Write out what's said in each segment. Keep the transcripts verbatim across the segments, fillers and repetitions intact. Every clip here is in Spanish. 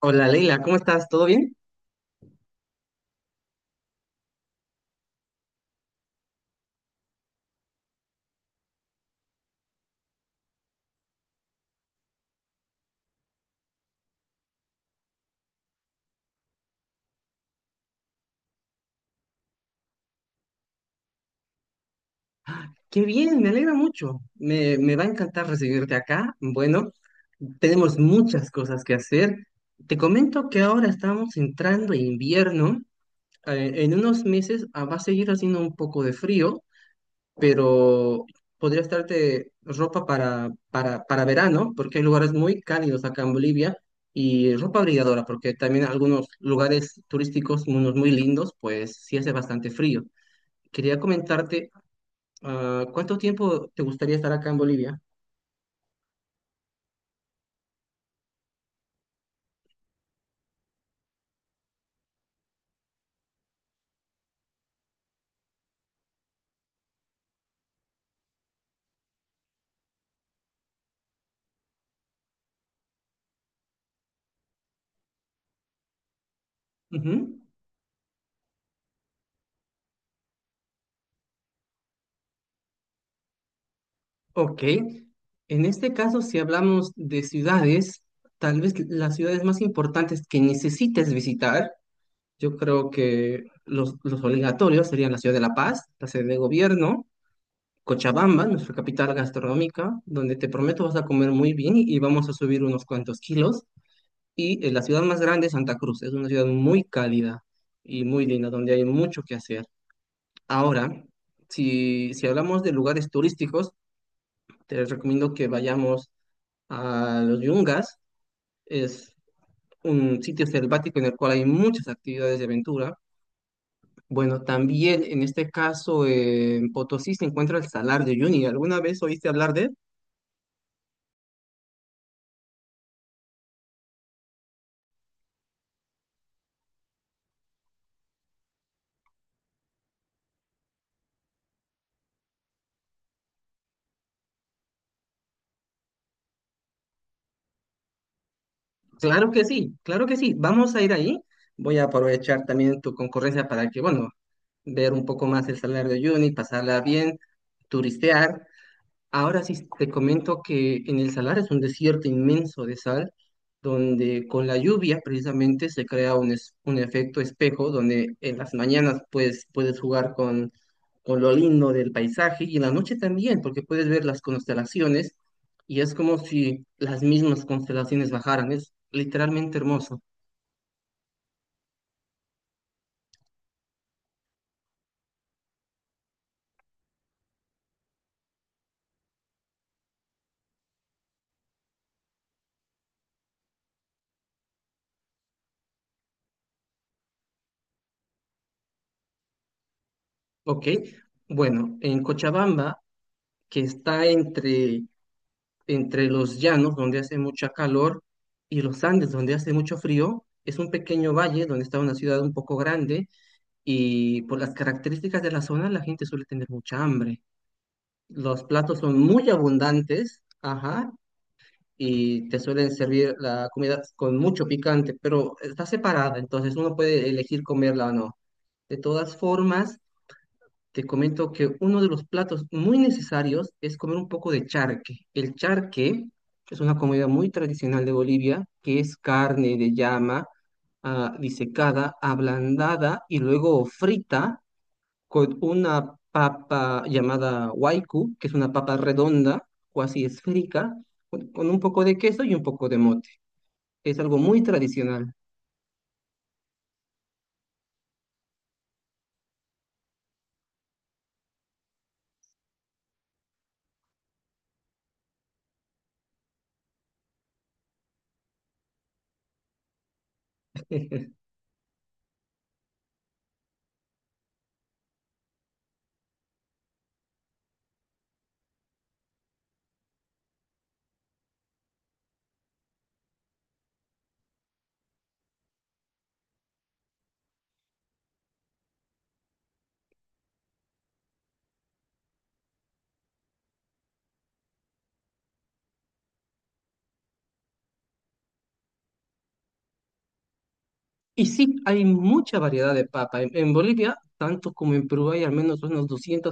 Hola Leila, ¿cómo estás? ¿Todo bien? Qué bien, me alegra mucho. Me, me va a encantar recibirte acá. Bueno, tenemos muchas cosas que hacer. Te comento que ahora estamos entrando en invierno. Eh, en unos meses ah, va a seguir haciendo un poco de frío, pero podría estarte ropa para, para, para verano, porque hay lugares muy cálidos acá en Bolivia, y ropa abrigadora, porque también algunos lugares turísticos, unos muy lindos, pues sí hace bastante frío. Quería comentarte. Ah, ¿cuánto tiempo te gustaría estar acá en Bolivia? Ujú. Ok. En este caso, si hablamos de ciudades, tal vez las ciudades más importantes que necesites visitar, yo creo que los, los obligatorios serían la ciudad de La Paz, la sede de gobierno, Cochabamba, nuestra capital gastronómica, donde te prometo vas a comer muy bien y y vamos a subir unos cuantos kilos. Y eh, la ciudad más grande es Santa Cruz. Es una ciudad muy cálida y muy linda, donde hay mucho que hacer. Ahora, si, si hablamos de lugares turísticos, te recomiendo que vayamos a los Yungas. Es un sitio selvático en el cual hay muchas actividades de aventura. Bueno, también en este caso, eh, en Potosí se encuentra el Salar de Uyuni. ¿Alguna vez oíste hablar de él? Claro que sí, claro que sí. Vamos a ir ahí. Voy a aprovechar también tu concurrencia para que, bueno, ver un poco más el Salar de Uyuni, pasarla bien, turistear. Ahora sí te comento que en el Salar es un desierto inmenso de sal, donde con la lluvia precisamente se crea un, es- un efecto espejo, donde en las mañanas pues, puedes jugar con, con lo lindo del paisaje, y en la noche también, porque puedes ver las constelaciones y es como si las mismas constelaciones bajaran, es literalmente hermoso, ¿ok? Bueno, en Cochabamba, que está entre entre los llanos, donde hace mucha calor, y los Andes, donde hace mucho frío. Es un pequeño valle donde está una ciudad un poco grande y por las características de la zona la gente suele tener mucha hambre. Los platos son muy abundantes, ajá, y te suelen servir la comida con mucho picante, pero está separada, entonces uno puede elegir comerla o no. De todas formas, te comento que uno de los platos muy necesarios es comer un poco de charque. El charque es una comida muy tradicional de Bolivia, que es carne de llama ah, disecada, ablandada y luego frita con una papa llamada waiku, que es una papa redonda o así esférica, con con un poco de queso y un poco de mote. Es algo muy tradicional. Y sí, hay mucha variedad de papa. En, en Bolivia, tanto como en Perú, hay al menos unos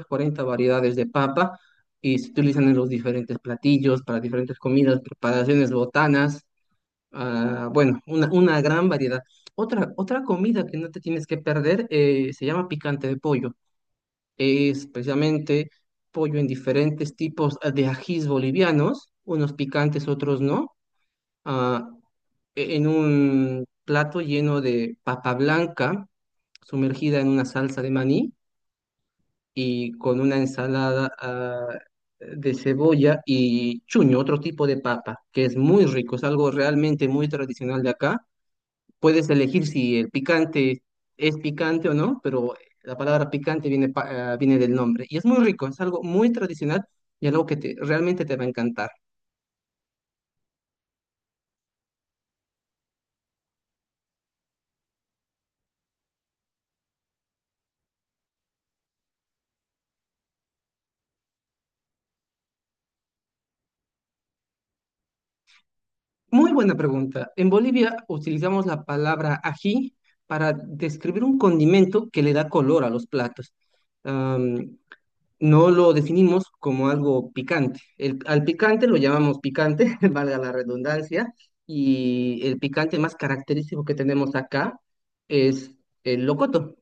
cuarenta variedades de papa y se utilizan en los diferentes platillos, para diferentes comidas, preparaciones, botanas. Ah, bueno, una, una gran variedad. Otra, otra comida que no te tienes que perder eh, se llama picante de pollo. Es precisamente pollo en diferentes tipos de ajís bolivianos, unos picantes, otros no, ah, e- en un plato lleno de papa blanca sumergida en una salsa de maní y con una ensalada ah, de cebolla y chuño, otro tipo de papa, que es muy rico, es algo realmente muy tradicional de acá. Puedes elegir si el picante es picante o no, pero la palabra picante viene, pa- ah, viene del nombre. Y es muy rico, es algo muy tradicional y algo que te- realmente te va a encantar. Muy buena pregunta. En Bolivia utilizamos la palabra ají para describir un condimento que le da color a los platos. No lo definimos como algo picante. El- al picante lo llamamos picante, valga la redundancia, y el picante más característico que tenemos acá es el locoto.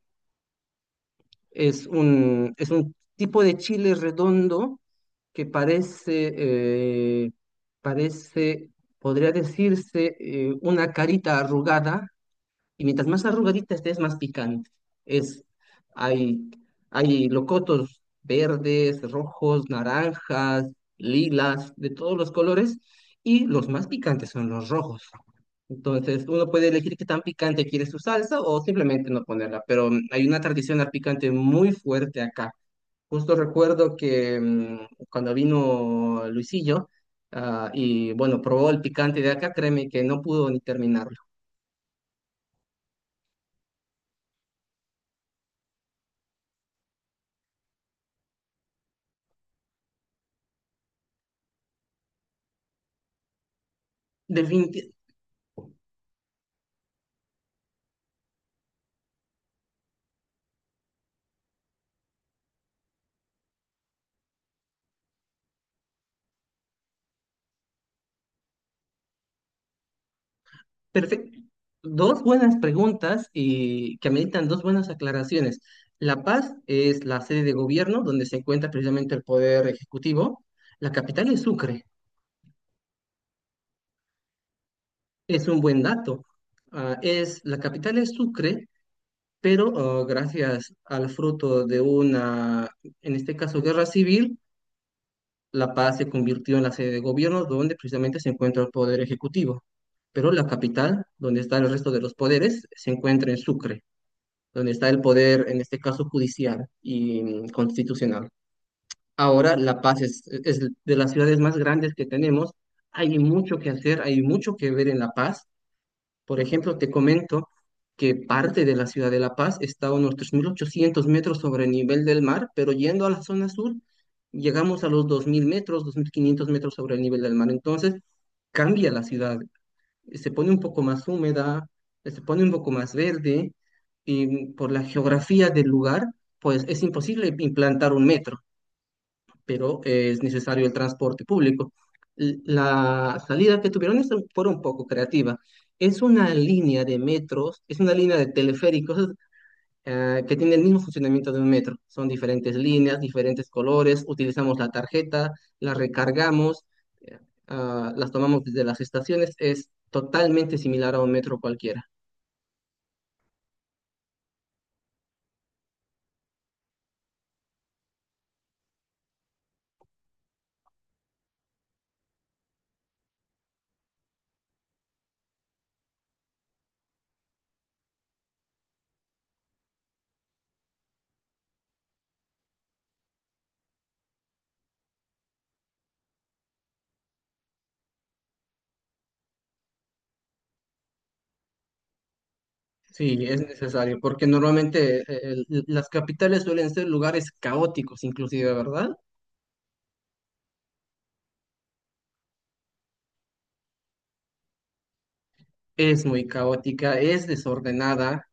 Es un, es un tipo de chile redondo que parece, eh, parece, podría decirse, eh, una carita arrugada, y mientras más arrugadita esté, es más picante. Es, hay, hay locotos verdes, rojos, naranjas, lilas, de todos los colores. Y los más picantes son los rojos. Entonces, uno puede elegir qué tan picante quiere su salsa o simplemente no ponerla. Pero mm, hay una tradición al picante muy fuerte acá. Justo recuerdo que mm, cuando vino Luisillo, ah, y bueno, probó el picante de acá, créeme que no pudo ni terminarlo. Definiti- Perfecto. Dos buenas preguntas y que ameritan dos buenas aclaraciones. La Paz es la sede de gobierno donde se encuentra precisamente el poder ejecutivo. La capital es Sucre. Es un buen dato. Ah, es, la capital es Sucre, pero ah, gracias al fruto de una, en este caso, guerra civil, La Paz se convirtió en la sede de gobierno donde precisamente se encuentra el poder ejecutivo. Pero la capital, donde está el resto de los poderes, se encuentra en Sucre, donde está el poder, en este caso judicial y mm, constitucional. Ahora La Paz es, es de las ciudades más grandes que tenemos. Hay mucho que hacer, hay mucho que ver en La Paz. Por ejemplo, te comento que parte de la ciudad de La Paz está a unos tres mil ochocientos metros sobre el nivel del mar, pero yendo a la zona sur, llegamos a los dos mil metros, dos mil quinientos metros sobre el nivel del mar. Entonces, cambia la ciudad, se pone un poco más húmeda, se pone un poco más verde, y por la geografía del lugar, pues es imposible implantar un metro, pero eh, es necesario el transporte público. L- La salida que tuvieron es- fue un poco creativa. Es una línea de metros, es una línea de teleféricos eh, que tiene el mismo funcionamiento de un metro. Son diferentes líneas, diferentes colores, utilizamos la tarjeta, la recargamos, eh, ah, las tomamos desde las estaciones. Es totalmente similar a un metro cualquiera. Sí, es necesario, porque normalmente eh, el- las capitales suelen ser lugares caóticos, inclusive, ¿verdad? Es muy caótica, es desordenada,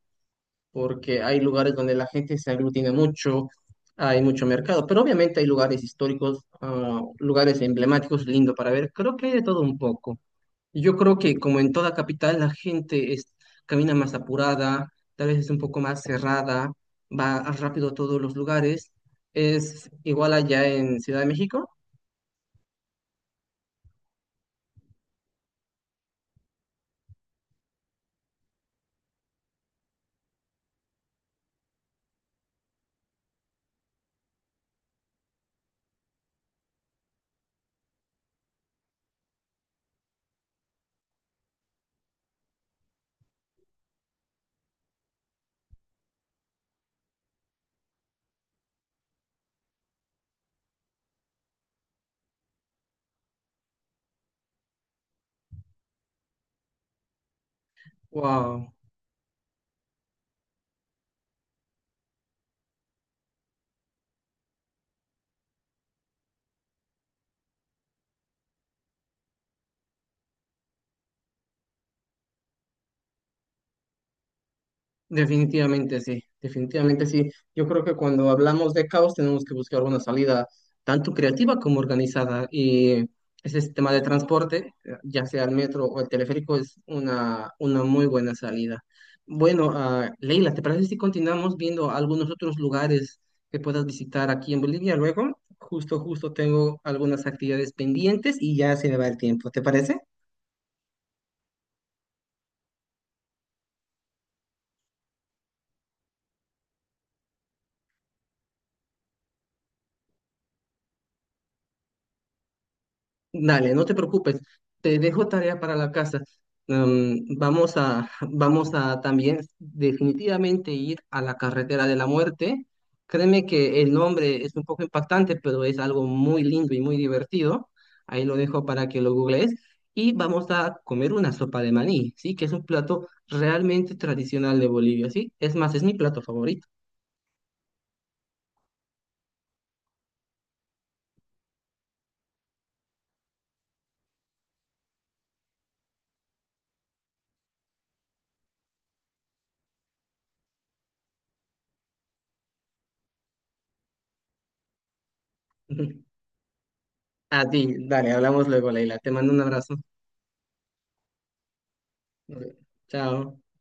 porque hay lugares donde la gente se aglutina mucho, hay mucho mercado, pero obviamente hay lugares históricos, ah, lugares emblemáticos, lindo para ver. Creo que hay de todo un poco. Yo creo que como en toda capital, la gente es, camina más apurada, tal vez es un poco más cerrada, va rápido a todos los lugares. ¿Es igual allá en Ciudad de México? Wow. Definitivamente sí, definitivamente sí. Yo creo que cuando hablamos de caos tenemos que buscar una salida tanto creativa como organizada, y ese sistema de transporte, eh, ya sea el metro o el teleférico, es una, una muy buena salida. Bueno, ah, Leila, ¿te parece si continuamos viendo algunos otros lugares que puedas visitar aquí en Bolivia luego? Justo, justo tengo algunas actividades pendientes y ya se me va el tiempo, ¿te parece? Dale, no te preocupes. Te dejo tarea para la casa. Em, vamos a, vamos a también definitivamente ir a la carretera de la muerte. Créeme que el nombre es un poco impactante, pero es algo muy lindo y muy divertido. Ahí lo dejo para que lo googlees. Y vamos a comer una sopa de maní, ¿sí? Que es un plato realmente tradicional de Bolivia, ¿sí? Es más, es mi plato favorito. A ti, dale, hablamos luego, Leila. Te mando un abrazo. Chao.